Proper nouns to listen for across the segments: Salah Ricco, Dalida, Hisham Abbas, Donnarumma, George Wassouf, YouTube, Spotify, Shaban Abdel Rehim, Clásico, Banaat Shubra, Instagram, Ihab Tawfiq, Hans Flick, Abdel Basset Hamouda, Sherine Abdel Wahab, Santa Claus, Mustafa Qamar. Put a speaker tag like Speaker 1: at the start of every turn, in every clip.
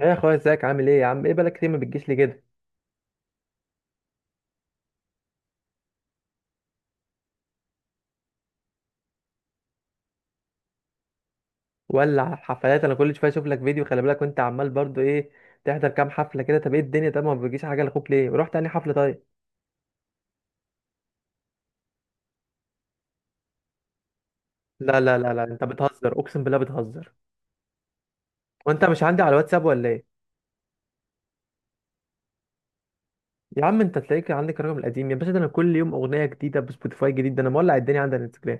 Speaker 1: يا اخويا ازيك عامل ايه؟ يا عم ايه بقالك كتير ما بتجيش لي كده؟ ولا على الحفلات، انا كل شويه اشوف لك فيديو. خلي بالك، وانت عمال برضو ايه؟ تحضر كام حفله كده؟ طب ايه الدنيا؟ طب ما بتجيش حاجه لاخوك ليه؟ رحت تاني حفله طيب. لا لا لا لا انت بتهزر، اقسم بالله بتهزر. وانت مش عندي على الواتساب ولا ايه؟ يا عم انت تلاقيك عندك الرقم القديم يا باشا. ده انا كل يوم اغنيه جديده بسبوتيفاي جديد، ده انا مولع الدنيا عندي على الانستجرام.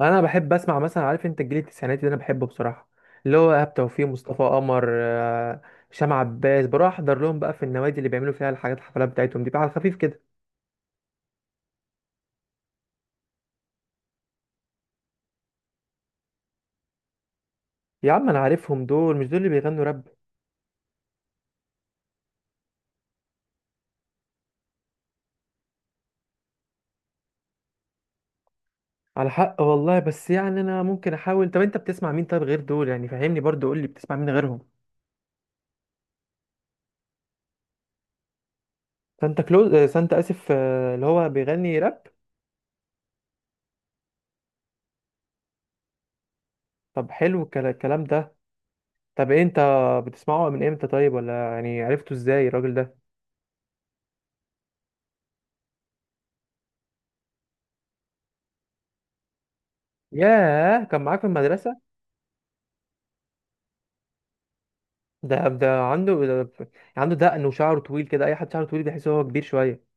Speaker 1: انا بحب اسمع مثلا، عارف انت الجيل التسعيناتي ده انا بحبه بصراحه، اللي هو ايهاب توفيق، مصطفى قمر، هشام عباس. بروح احضر لهم بقى في النوادي اللي بيعملوا فيها الحاجات، الحفلات بتاعتهم دي بقى على خفيف كده. يا عم انا عارفهم دول، مش دول اللي بيغنوا راب؟ على حق والله، بس يعني انا ممكن احاول. طب انت بتسمع مين طيب غير دول؟ يعني فهمني برضو، قول لي بتسمع مين غيرهم. سانتا كلوز؟ سانتا، اسف، اللي هو بيغني راب. طب حلو الكلام ده. طب إيه انت بتسمعه من امتى طيب؟ ولا يعني عرفته ازاي الراجل ده؟ ياه، كان معاك في المدرسه؟ ده عنده، ده عنده دقن وشعره طويل كده. اي حد شعره طويل بيحس ان هو كبير شويه.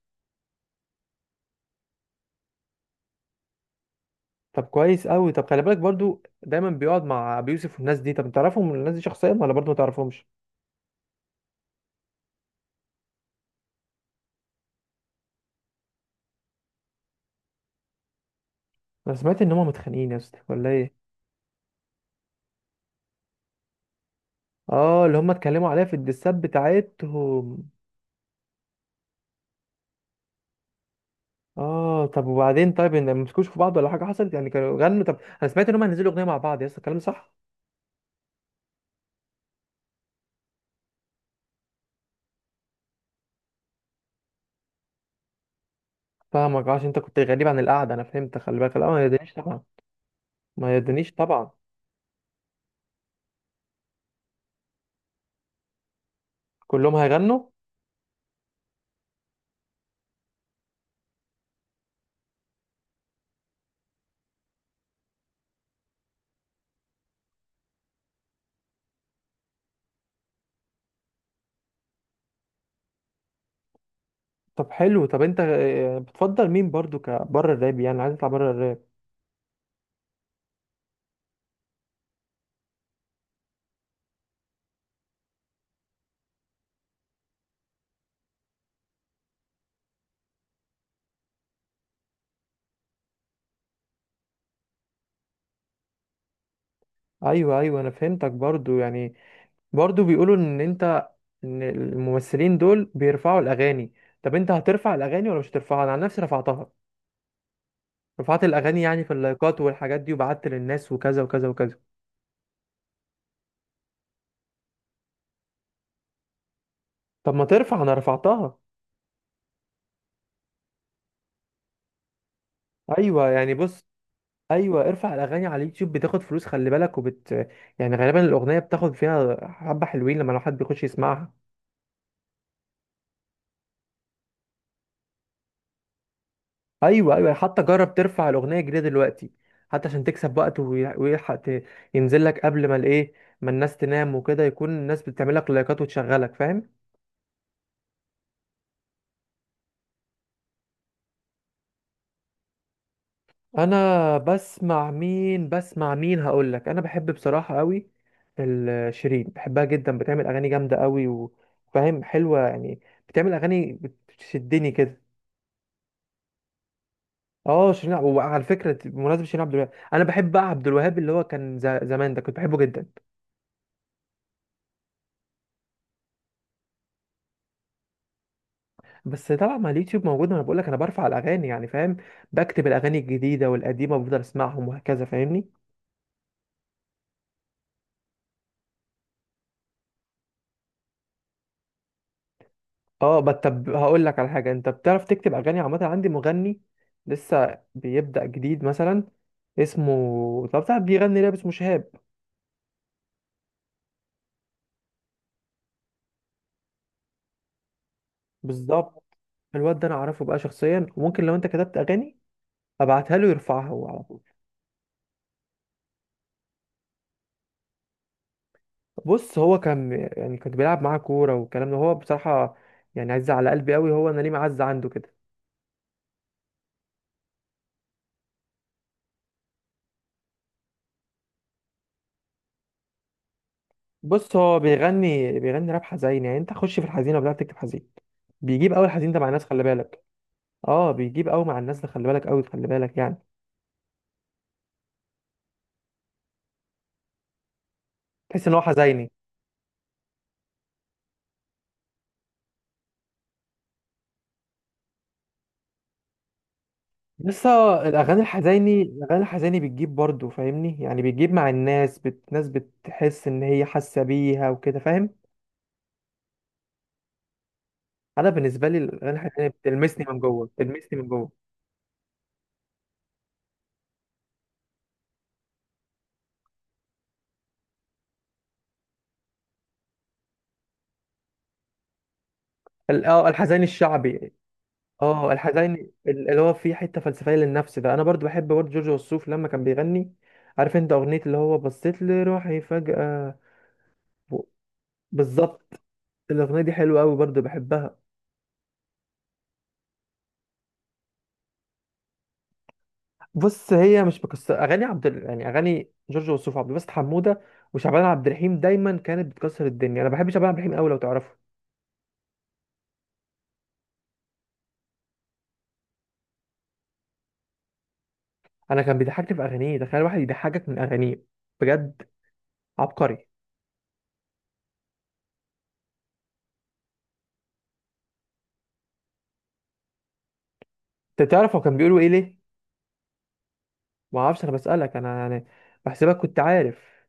Speaker 1: طب كويس قوي. طب خلي بالك برضو، دايما بيقعد مع ابو يوسف والناس دي. طب تعرفهم الناس دي شخصيا ولا برضو ما تعرفهمش؟ انا سمعت ان هم متخانقين يا اسطى ولا ايه؟ اه، اللي هم اتكلموا عليها في الدسات بتاعتهم. اه طب وبعدين طيب، ان ما مسكوش في بعض ولا حاجه حصلت يعني؟ كانوا غنوا؟ طب انا سمعت ان هم هينزلوا اغنيه مع بعض يا اسطى، الكلام ده صح؟ فاهمك عشان انت كنت غريب عن القعده، انا فهمت. خلي بالك، لا ما يدنيش طبعا، ما يدنيش طبعا. كلهم هيغنوا؟ طب حلو. طب انت بتفضل مين برضو كبره الراب؟ يعني عايز تطلع بره الراب؟ ايوه ايوه، انا فهمتك برضو يعني. برضو بيقولوا ان انت، ان الممثلين دول بيرفعوا الاغاني. طب انت هترفع الاغاني ولا مش هترفعها؟ انا عن نفسي رفعتها، رفعت الاغاني يعني في اللايكات والحاجات دي، وبعت للناس وكذا وكذا وكذا. طب ما ترفع، انا رفعتها. ايوه يعني بص، ايوه ارفع الاغاني على اليوتيوب بتاخد فلوس، خلي بالك. وبت، يعني غالبا الاغنيه بتاخد فيها حبه حلوين لما لو حد بيخش يسمعها. ايوه ايوه، حتى جرب ترفع الاغنيه الجديده دلوقتي، حتى عشان تكسب وقت ويلحق ينزل لك قبل ما الايه، ما الناس تنام وكده، يكون الناس بتعمل لك لايكات وتشغلك، فاهم؟ انا بسمع مين؟ بسمع مين، هقول لك. انا بحب بصراحه قوي شيرين، بحبها جدا. بتعمل اغاني جامده قوي وفاهم، حلوه يعني. بتعمل اغاني بتشدني كده. اه شيرين وعلى فكره بمناسبه شيرين عبد الوهاب، انا بحب بقى عبد الوهاب، اللي هو كان زمان ده كنت بحبه جدا. بس طبعا ما اليوتيوب موجود. انا بقول لك انا برفع الاغاني يعني، فاهم؟ بكتب الاغاني الجديده والقديمه وبفضل اسمعهم وهكذا، فاهمني؟ اه طب هقول لك على حاجه، انت بتعرف تكتب اغاني عامه؟ عندي مغني لسه بيبدا جديد مثلا، اسمه طب بتاع بيغني راب، اسمه شهاب. بالظبط، الواد ده انا اعرفه بقى شخصيا، وممكن لو انت كتبت اغاني ابعتها له يرفعها هو على طول. بص هو كان يعني كنت بيلعب معاه كوره والكلام ده، هو بصراحه يعني عز على قلبي قوي، هو انا ليه معز عنده كده. بص هو بيغني راب حزين، يعني انت خش في الحزينه وبدأت تكتب حزين، بيجيب قوي الحزين ده مع الناس، خلي بالك. اه بيجيب قوي مع الناس ده، خلي بالك قوي، خلي بالك يعني. تحس ان هو حزيني؟ لسه، الاغاني الحزيني الاغاني الحزيني بتجيب برضه فاهمني، يعني بتجيب مع الناس، الناس بتحس ان هي حاسه بيها وكده، فاهم؟ انا بالنسبه لي الاغاني الحزيني بتلمسني من جوه، بتلمسني من جوه. اه الحزين الشعبي، اه الحزين اللي هو فيه حته فلسفيه للنفس ده. انا برضو بحب برضو جورج وسوف لما كان بيغني. عارف انت اغنيه اللي هو بصيت لروحي فجاه و- بالظبط. الاغنيه دي حلوه قوي، برضو بحبها. بص هي مش بكسر اغاني يعني اغاني جورج وسوف، عبد الباسط حموده وشعبان عبد الرحيم دايما كانت بتكسر الدنيا. انا بحب شعبان عبد الرحيم قوي، لو تعرفه. انا كان بيضحكني في اغانيه، تخيل واحد يضحكك من اغانيه! بجد عبقري. انت تعرف هو كان بيقولوا ايه ليه؟ ما اعرفش، انا بسالك انا يعني، بحسبك كنت عارف.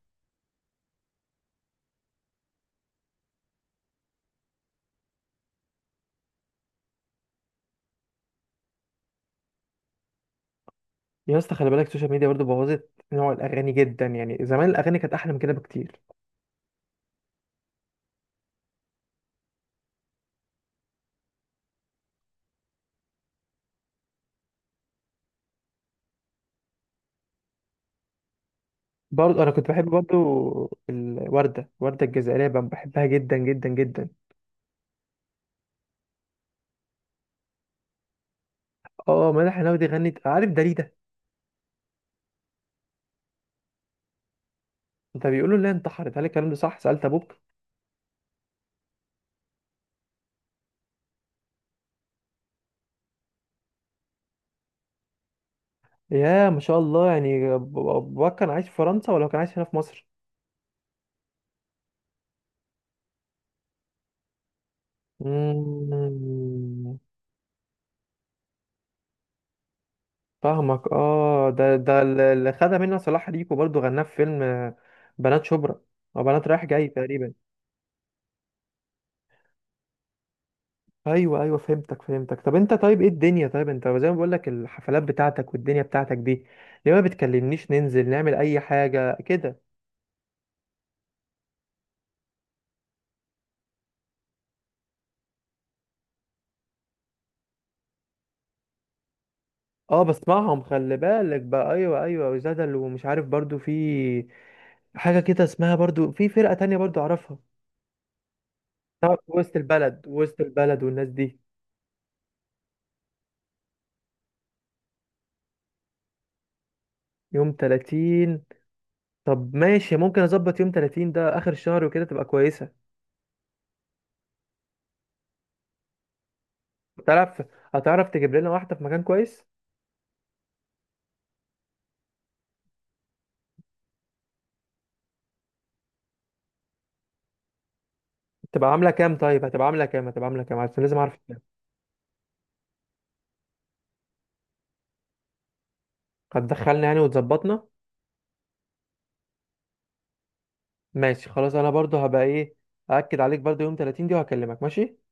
Speaker 1: يا اسطى خلي بالك، السوشيال ميديا برضو بوظت نوع الاغاني جدا يعني، زمان الاغاني كانت احلى من كده بكتير. برضو انا كنت بحب برضو الورده، الورده الجزائريه بقى، بحبها جدا جدا جدا. اه مدح الناوي، غنت. عارف داليدا؟ ده بيقولوا لها انتحرت، هل الكلام ده صح؟ سالت ابوك؟ يا ما شاء الله، يعني باباك كان عايش في فرنسا ولا كان عايش هنا في مصر؟ مم، فاهمك. اه ده اللي خدها منها صلاح ريكو، برضو غناه في فيلم بنات شبرا، او بنات رايح جاي تقريبا. ايوه ايوه فهمتك، فهمتك. طب انت طيب ايه الدنيا طيب، انت زي ما بقول لك الحفلات بتاعتك والدنيا بتاعتك دي، ليه ما بتكلمنيش ننزل نعمل اي حاجه كده؟ اه بسمعهم، خلي بالك بقى. ايوه ايوه، وزدل ومش عارف برضو، في حاجه كده اسمها برضو، في فرقه تانية برضو اعرفها. طب وسط البلد، وسط البلد والناس دي؟ يوم 30؟ طب ماشي، ممكن اظبط. يوم 30 ده اخر الشهر وكده، تبقى كويسه. تعرف هتعرف تجيب لنا واحده في مكان كويس؟ تبقى عامله كام طيب؟ هتبقى عامله كام؟ هتبقى عامله كام؟ عشان لازم اعرف. هتدخلنا يعني وتظبطنا؟ ماشي خلاص. انا برضو هبقى ايه، اكد عليك برضو يوم 30 دي، وهكلمك، ماشي.